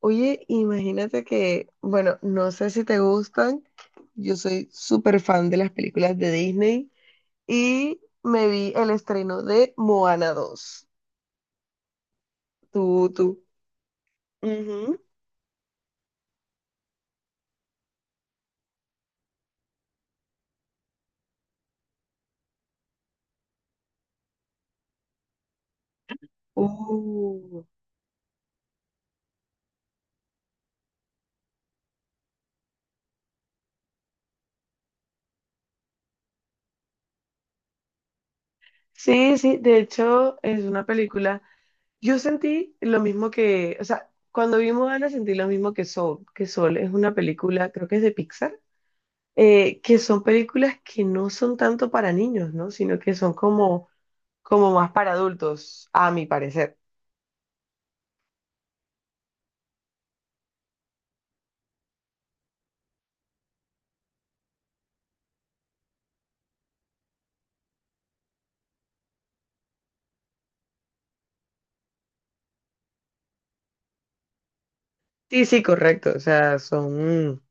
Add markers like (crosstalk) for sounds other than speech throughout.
Oye, imagínate que, bueno, no sé si te gustan, yo soy súper fan de las películas de Disney y me vi el estreno de Moana dos. Tú, tú. Ujú. Uh. Sí, sí, de hecho es una película. Yo sentí lo mismo que, o sea, cuando vi Moana sentí lo mismo que Soul es una película, creo que es de Pixar, que son películas que no son tanto para niños, ¿no? Sino que son como más para adultos, a mi parecer. Sí, sí, correcto. O sea, son,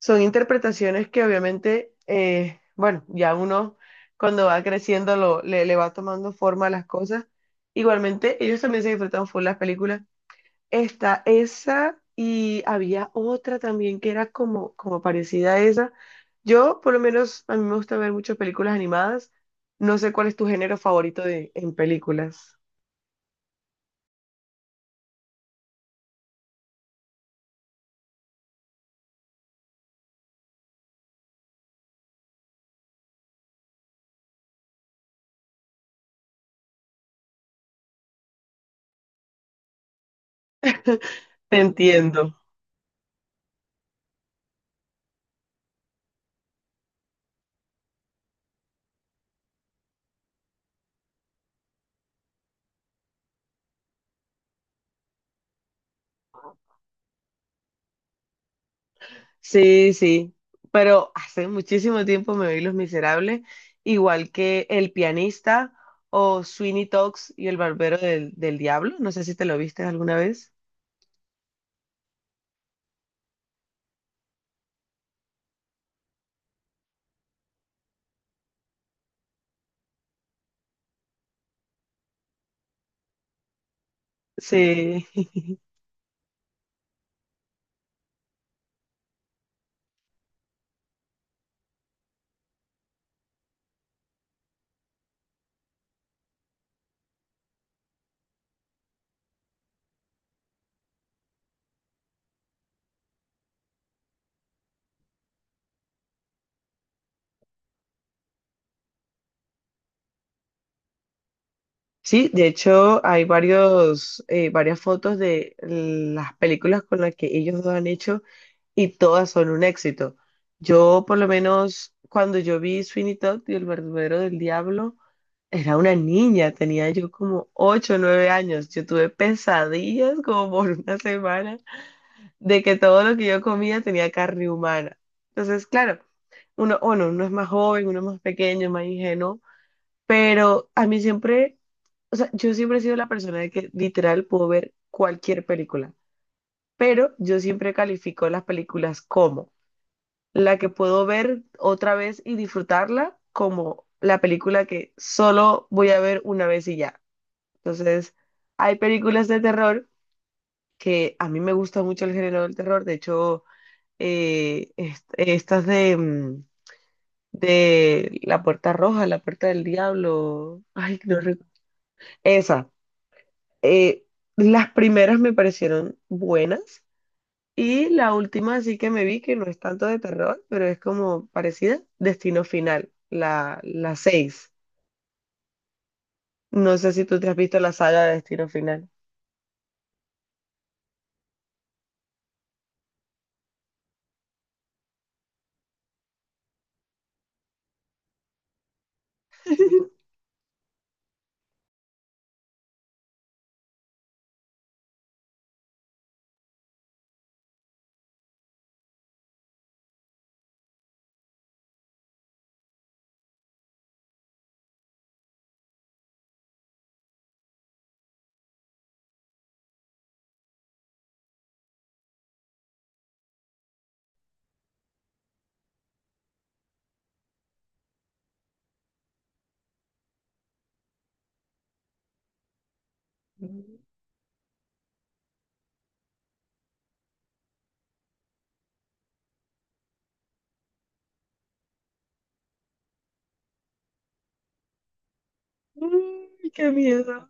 son interpretaciones que obviamente, bueno, ya uno cuando va creciendo le va tomando forma a las cosas. Igualmente, ellos también se disfrutan full las películas. Esta, esa, y había otra también que era como parecida a esa. Yo, por lo menos, a mí me gusta ver muchas películas animadas. No sé cuál es tu género favorito en películas. Te entiendo. Sí, sí, pero hace muchísimo tiempo me oí Los Miserables, igual que El Pianista o Sweeney Tox y El Barbero del Diablo, no sé si te lo viste alguna vez. Sí, (laughs) sí, de hecho hay varias fotos de las películas con las que ellos dos han hecho y todas son un éxito. Yo por lo menos cuando yo vi Sweeney Todd y El Barbero del Diablo, era una niña, tenía yo como 8 o 9 años. Yo tuve pesadillas como por una semana de que todo lo que yo comía tenía carne humana. Entonces, claro, uno, bueno, uno es más joven, uno es más pequeño, más ingenuo, pero a mí siempre, o sea, yo siempre he sido la persona de que literal puedo ver cualquier película, pero yo siempre califico las películas como la que puedo ver otra vez y disfrutarla, como la película que solo voy a ver una vez y ya. Entonces, hay películas de terror que a mí me gusta mucho el género del terror. De hecho, estas de La Puerta Roja, La Puerta del Diablo, ay, no recu- Esa. Eh, las primeras me parecieron buenas y la última sí que me vi que no es tanto de terror, pero es como parecida, Destino Final, la seis. No sé si tú te has visto la saga de Destino Final. (laughs) Uy, qué miedo.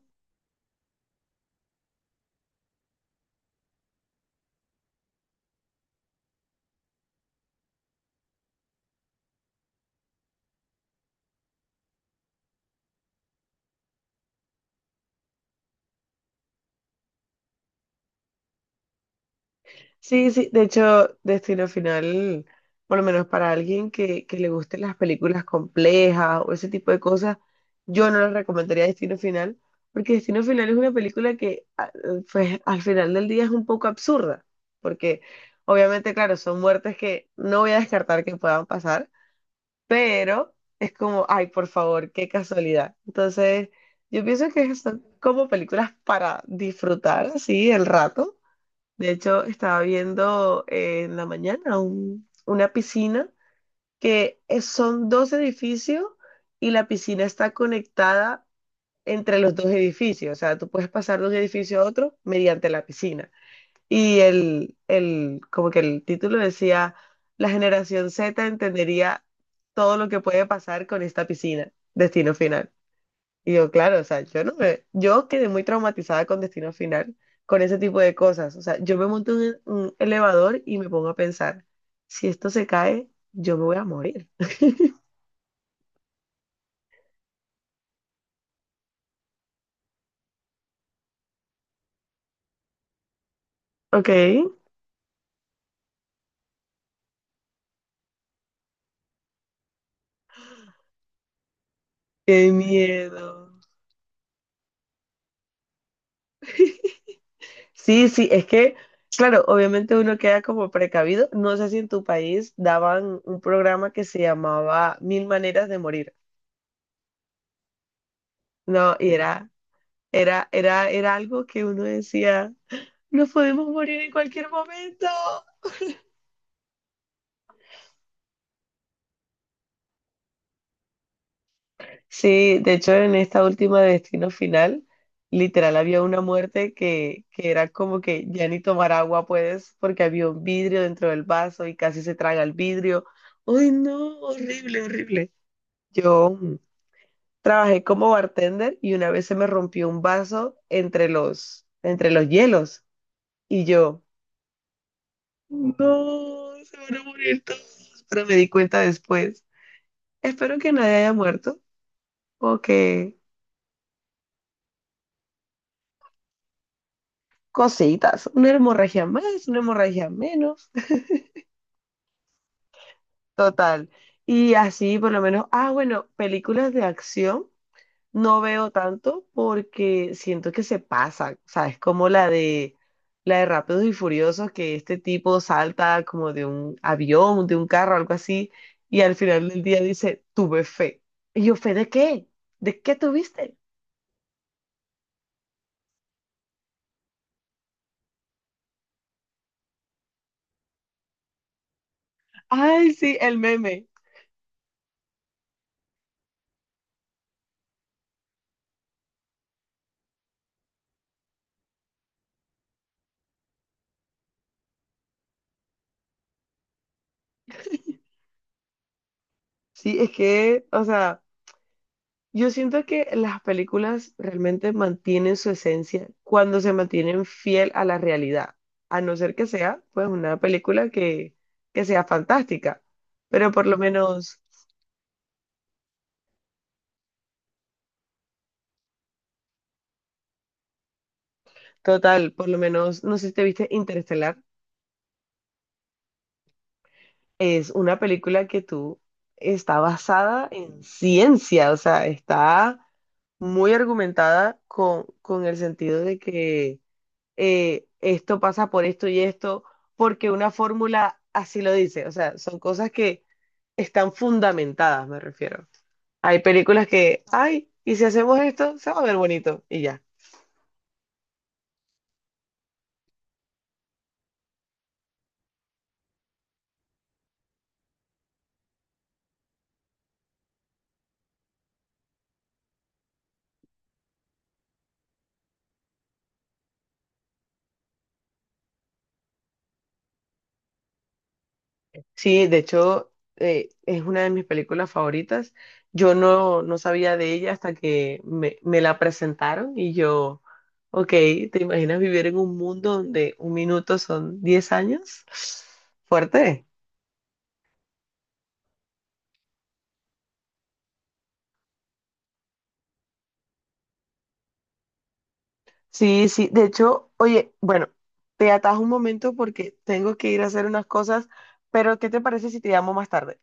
Sí, sí, de hecho, Destino Final, por lo menos para alguien que le gusten las películas complejas o ese tipo de cosas, yo no le recomendaría Destino Final, porque Destino Final es una película que a- pues, al final del día es un poco absurda, porque obviamente, claro, son muertes que no voy a descartar que puedan pasar, pero es como, ay, por favor, qué casualidad. Entonces, yo pienso que son como películas para disfrutar, así, el rato. De hecho, estaba viendo en la mañana una piscina son dos edificios y la piscina está conectada entre los dos edificios. O sea, tú puedes pasar de un edificio a otro mediante la piscina. Y como que el título decía, la generación Z entendería todo lo que puede pasar con esta piscina. Destino final. Y yo, claro, o sea, yo no me, yo quedé muy traumatizada con Destino Final, con ese tipo de cosas. O sea, yo me monto en un elevador y me pongo a pensar, si esto se cae, yo me voy a morir. Ok, qué miedo. Sí, sí, es que, claro, obviamente uno queda como precavido. No sé si en tu país daban un programa que se llamaba Mil Maneras de Morir. No, y era algo que uno decía, nos podemos morir en cualquier momento. Sí, de hecho en esta última de Destino Final, literal había una muerte que era como que ya ni tomar agua puedes porque había un vidrio dentro del vaso y casi se traga el vidrio. ¡Ay, no! Horrible, horrible. Yo trabajé como bartender y una vez se me rompió un vaso entre entre los hielos y yo, no, se van a morir todos. Pero me di cuenta después. Espero que nadie haya muerto o que cositas, una hemorragia más, una hemorragia menos, (laughs) total. Y así por lo menos, ah, bueno, películas de acción no veo tanto porque siento que se pasa, o sea, es como la de Rápidos y Furiosos que este tipo salta como de un avión, de un carro, algo así, y al final del día dice, tuve fe. Y yo, ¿fe de qué? ¿De qué tuviste? Ay, sí, el meme. Sí, es que, o sea, yo siento que las películas realmente mantienen su esencia cuando se mantienen fiel a la realidad, a no ser que sea pues una película que sea fantástica, pero por lo menos, total, por lo menos, no sé si te viste Interestelar, es una película que tú está basada en ciencia, o sea, está muy argumentada con el sentido de que esto pasa por esto y esto, porque una fórmula así lo dice. O sea, son cosas que están fundamentadas, me refiero. Hay películas que, ay, y si hacemos esto, se va a ver bonito y ya. Sí, de hecho, es una de mis películas favoritas. Yo no sabía de ella hasta que me la presentaron y yo, ok, ¿te imaginas vivir en un mundo donde un minuto son 10 años? Fuerte. Sí, sí, de hecho, oye, bueno, te atajo un momento porque tengo que ir a hacer unas cosas, pero ¿qué te parece si te llamo más tarde?